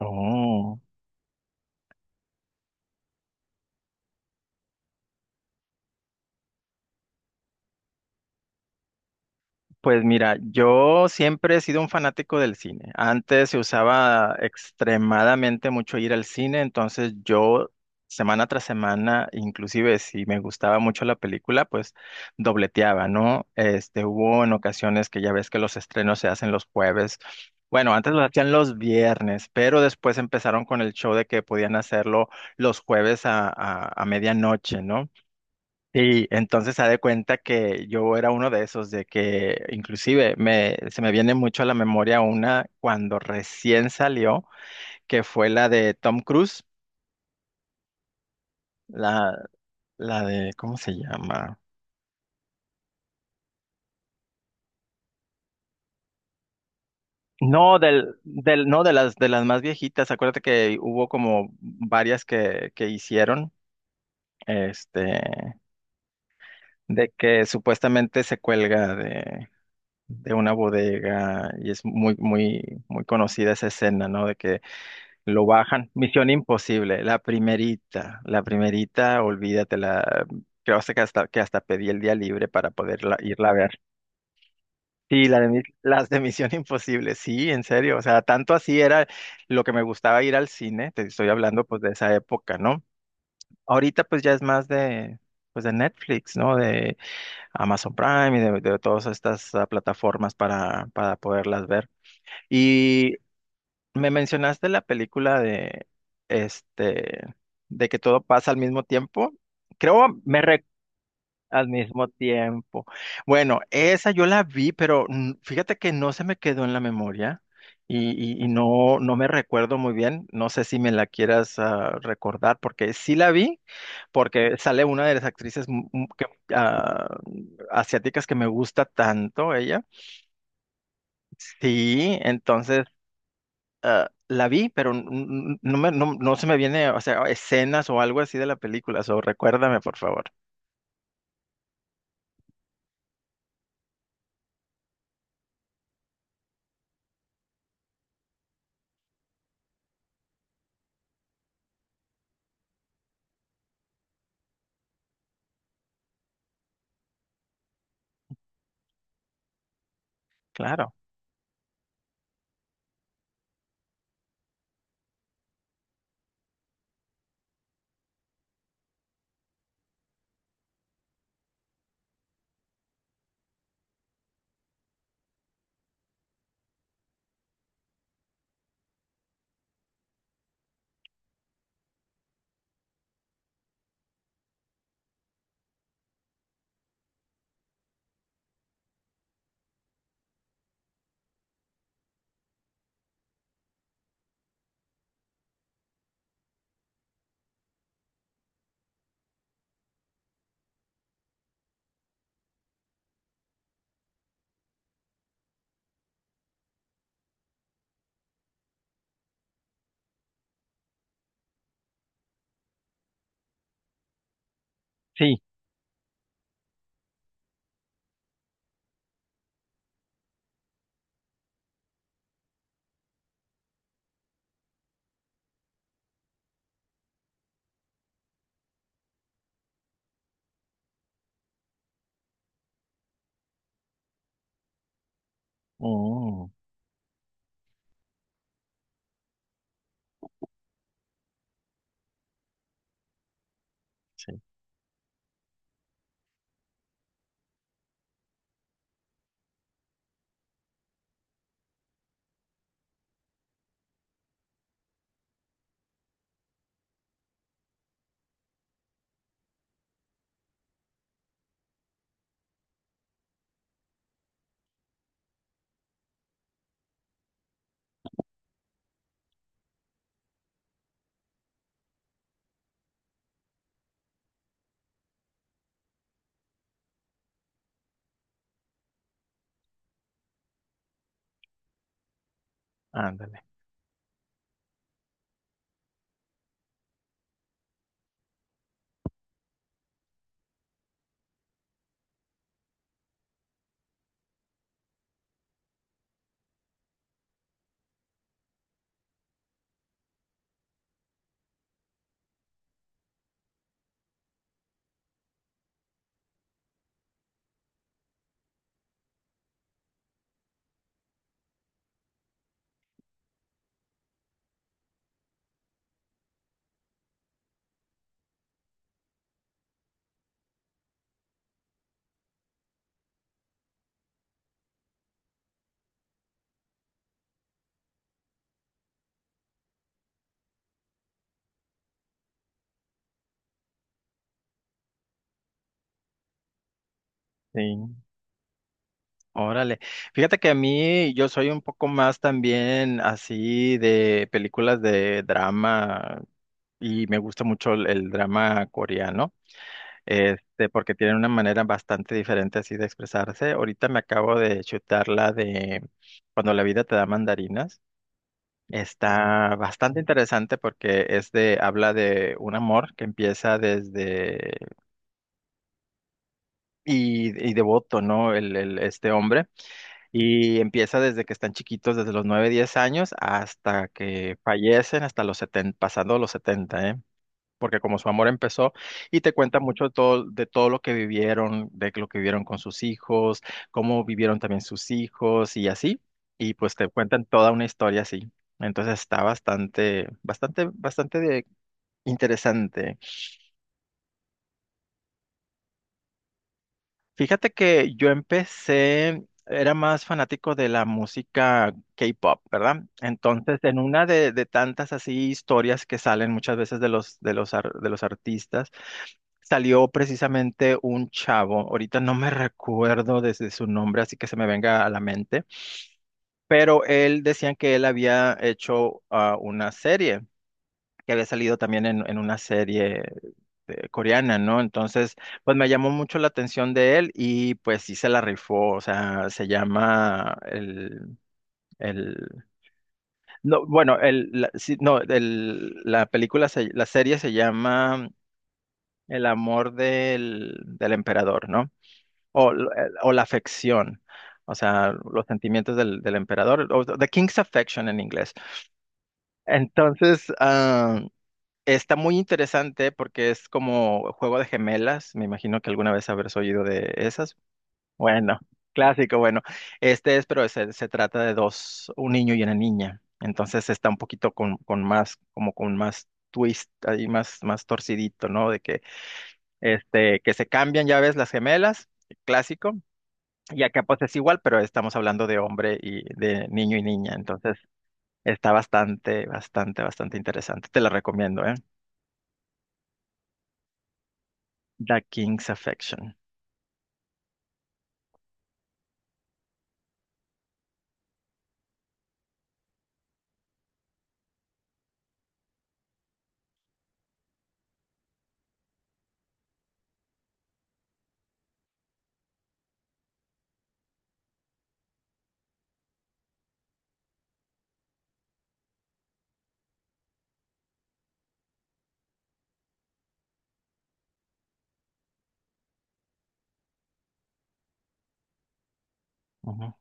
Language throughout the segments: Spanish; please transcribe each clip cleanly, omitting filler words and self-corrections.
Oh, pues mira, yo siempre he sido un fanático del cine. Antes se usaba extremadamente mucho ir al cine, entonces yo semana tras semana, inclusive si me gustaba mucho la película, pues dobleteaba, ¿no? Hubo en ocasiones que ya ves que los estrenos se hacen los jueves. Bueno, antes lo hacían los viernes, pero después empezaron con el show de que podían hacerlo los jueves a medianoche, ¿no? Sí, entonces se da cuenta que yo era uno de esos, de que inclusive me, se me viene mucho a la memoria una cuando recién salió, que fue la de Tom Cruise, la, la de, ¿cómo se llama? No, no, de las más viejitas. Acuérdate que hubo como varias que hicieron, este, de que supuestamente se cuelga de, una bodega y es muy, muy, muy conocida esa escena, ¿no? De que lo bajan. Misión Imposible, la primerita, olvídatela. Creo que hasta pedí el día libre para poderla irla a ver. Sí, la de, las de Misión Imposible, sí, en serio. O sea, tanto así era lo que me gustaba ir al cine. Te estoy hablando pues de esa época, ¿no? Ahorita pues ya es más de, pues de Netflix, ¿no? De Amazon Prime y de todas estas plataformas para poderlas ver. Y me mencionaste la película de este de que todo pasa al mismo tiempo. Creo me re- al mismo tiempo. Bueno, esa yo la vi, pero fíjate que no se me quedó en la memoria y, y no me recuerdo muy bien. No sé si me la quieras recordar, porque sí la vi, porque sale una de las actrices que, ah, asiáticas que me gusta tanto, ella. Sí, entonces la vi, pero no se me viene, o sea, escenas o algo así de la película, so recuérdame, por favor. Claro, sí. Mm, sí, ándale. Sí, órale. Fíjate que a mí yo soy un poco más también así de películas de drama y me gusta mucho el drama coreano. Porque tienen una manera bastante diferente así de expresarse. Ahorita me acabo de chutar la de Cuando la vida te da mandarinas. Está bastante interesante porque es de, habla de un amor que empieza desde, y devoto, ¿no? Este hombre, y empieza desde que están chiquitos, desde los 9 10 años hasta que fallecen, hasta los 70, pasando los 70, ¿eh? Porque como su amor empezó, y te cuenta mucho todo, de todo lo que vivieron, de lo que vivieron con sus hijos, cómo vivieron también sus hijos y así, y pues te cuentan toda una historia así. Entonces está bastante, bastante, bastante interesante. Fíjate que yo empecé, era más fanático de la música K-pop, ¿verdad? Entonces, en una de tantas así historias que salen muchas veces de los, de los de los artistas, salió precisamente un chavo, ahorita no me recuerdo desde su nombre, así que se me venga a la mente, pero él decían que él había hecho una serie que había salido también en una serie coreana, ¿no? Entonces, pues me llamó mucho la atención de él y pues sí se la rifó, o sea, se llama el... El, no, bueno, el, la, sí, no, el, la película, la serie se llama El amor del emperador, ¿no? O, o la afección, o sea, los sentimientos del emperador, o The King's Affection en inglés. Entonces, está muy interesante porque es como juego de gemelas. Me imagino que alguna vez habrás oído de esas. Bueno, clásico, bueno. Este es, pero se trata de dos, un niño y una niña. Entonces está un poquito con más, como con más twist, ahí más, más torcidito, ¿no? De que, que se cambian, ya ves, las gemelas, clásico. Y acá pues es igual, pero estamos hablando de hombre y de niño y niña. Entonces está bastante, bastante, bastante interesante. Te la recomiendo, ¿eh? The King's Affection. Ujú.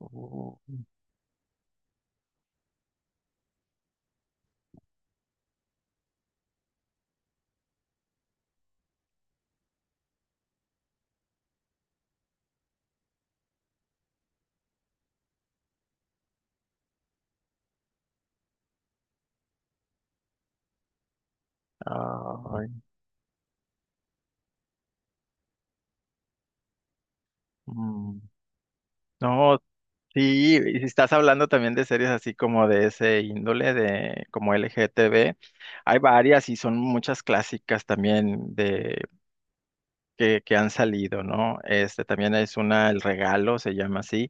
Oh, ay, mm. No, sí, y si estás hablando también de series así como de ese índole, de como L G T LGTB, hay varias y son muchas clásicas también de que han salido, ¿no? Este también es una, El Regalo se llama así,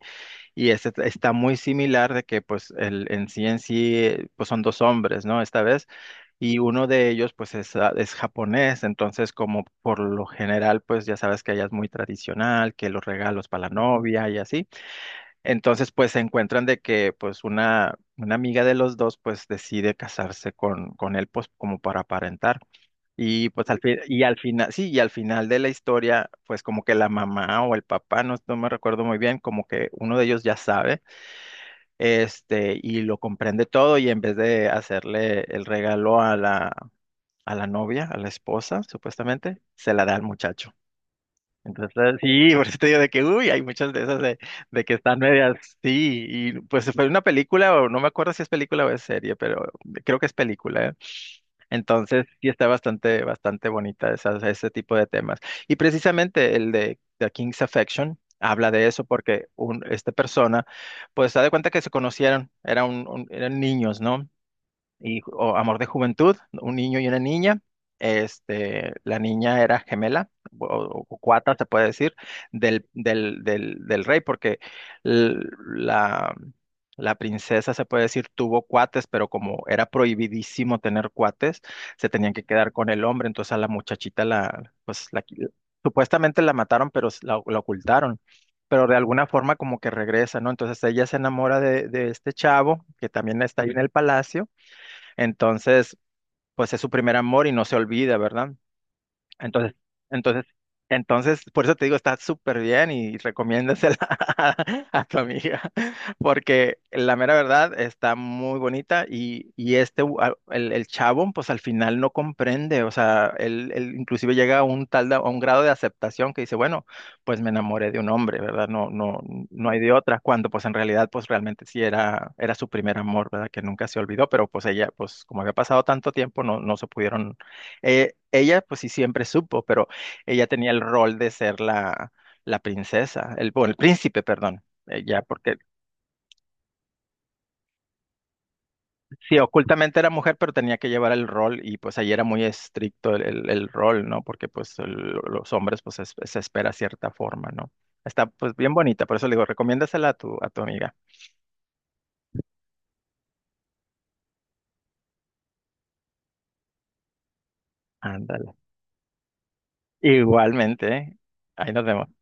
y este está muy similar de que pues el en sí, pues son dos hombres, ¿no? Esta vez. Y uno de ellos, pues, es japonés, entonces, como por lo general, pues, ya sabes que allá es muy tradicional, que los regalos para la novia y así. Entonces, pues, se encuentran de que, pues, una amiga de los dos, pues, decide casarse con él, pues, como para aparentar. Y, pues, al fin, y al final, sí, y al final de la historia, pues, como que la mamá o el papá, no, no me recuerdo muy bien, como que uno de ellos ya sabe, y lo comprende todo, y en vez de hacerle el regalo a la novia, a la esposa, supuestamente, se la da al muchacho. Entonces, sí, por eso te digo de que, uy, hay muchas de esas de que están medias, sí, y pues fue una película, o no me acuerdo si es película o es serie, pero creo que es película, ¿eh? Entonces, sí está bastante, bastante bonita esas, ese tipo de temas. Y precisamente el de The King's Affection habla de eso porque un, esta persona, pues, se da cuenta que se conocieron, era eran niños, ¿no? Y, o amor de juventud, un niño y una niña. Este, la niña era gemela o, o cuata, se puede decir, del rey, porque l- la, princesa, se puede decir, tuvo cuates, pero como era prohibidísimo tener cuates, se tenían que quedar con el hombre, entonces a la muchachita la, pues, la, supuestamente la mataron, pero la ocultaron. Pero de alguna forma como que regresa, ¿no? Entonces ella se enamora de este chavo, que también está ahí en el palacio, entonces, pues es su primer amor y no se olvida, ¿verdad? Entonces, entonces, entonces, por eso te digo, está súper bien y recomiéndasela a, a tu amiga, porque la mera verdad está muy bonita y este, el chavo, pues al final no comprende, o sea, él inclusive llega a un grado de aceptación que dice, bueno, pues me enamoré de un hombre, ¿verdad? No, no, no hay de otra, cuando pues en realidad, pues realmente sí era su primer amor, ¿verdad? Que nunca se olvidó, pero pues ella, pues como había pasado tanto tiempo, no se pudieron ella, pues sí, siempre supo, pero ella tenía el rol de ser la princesa, el, bueno, el príncipe, perdón. Ella, porque sí, ocultamente era mujer, pero tenía que llevar el rol y pues ahí era muy estricto el, el rol, ¿no? Porque pues los hombres pues se espera cierta forma, ¿no? Está pues bien bonita, por eso le digo, recomiéndasela a tu amiga. Ándale. Igualmente, ¿eh? Ahí nos vemos.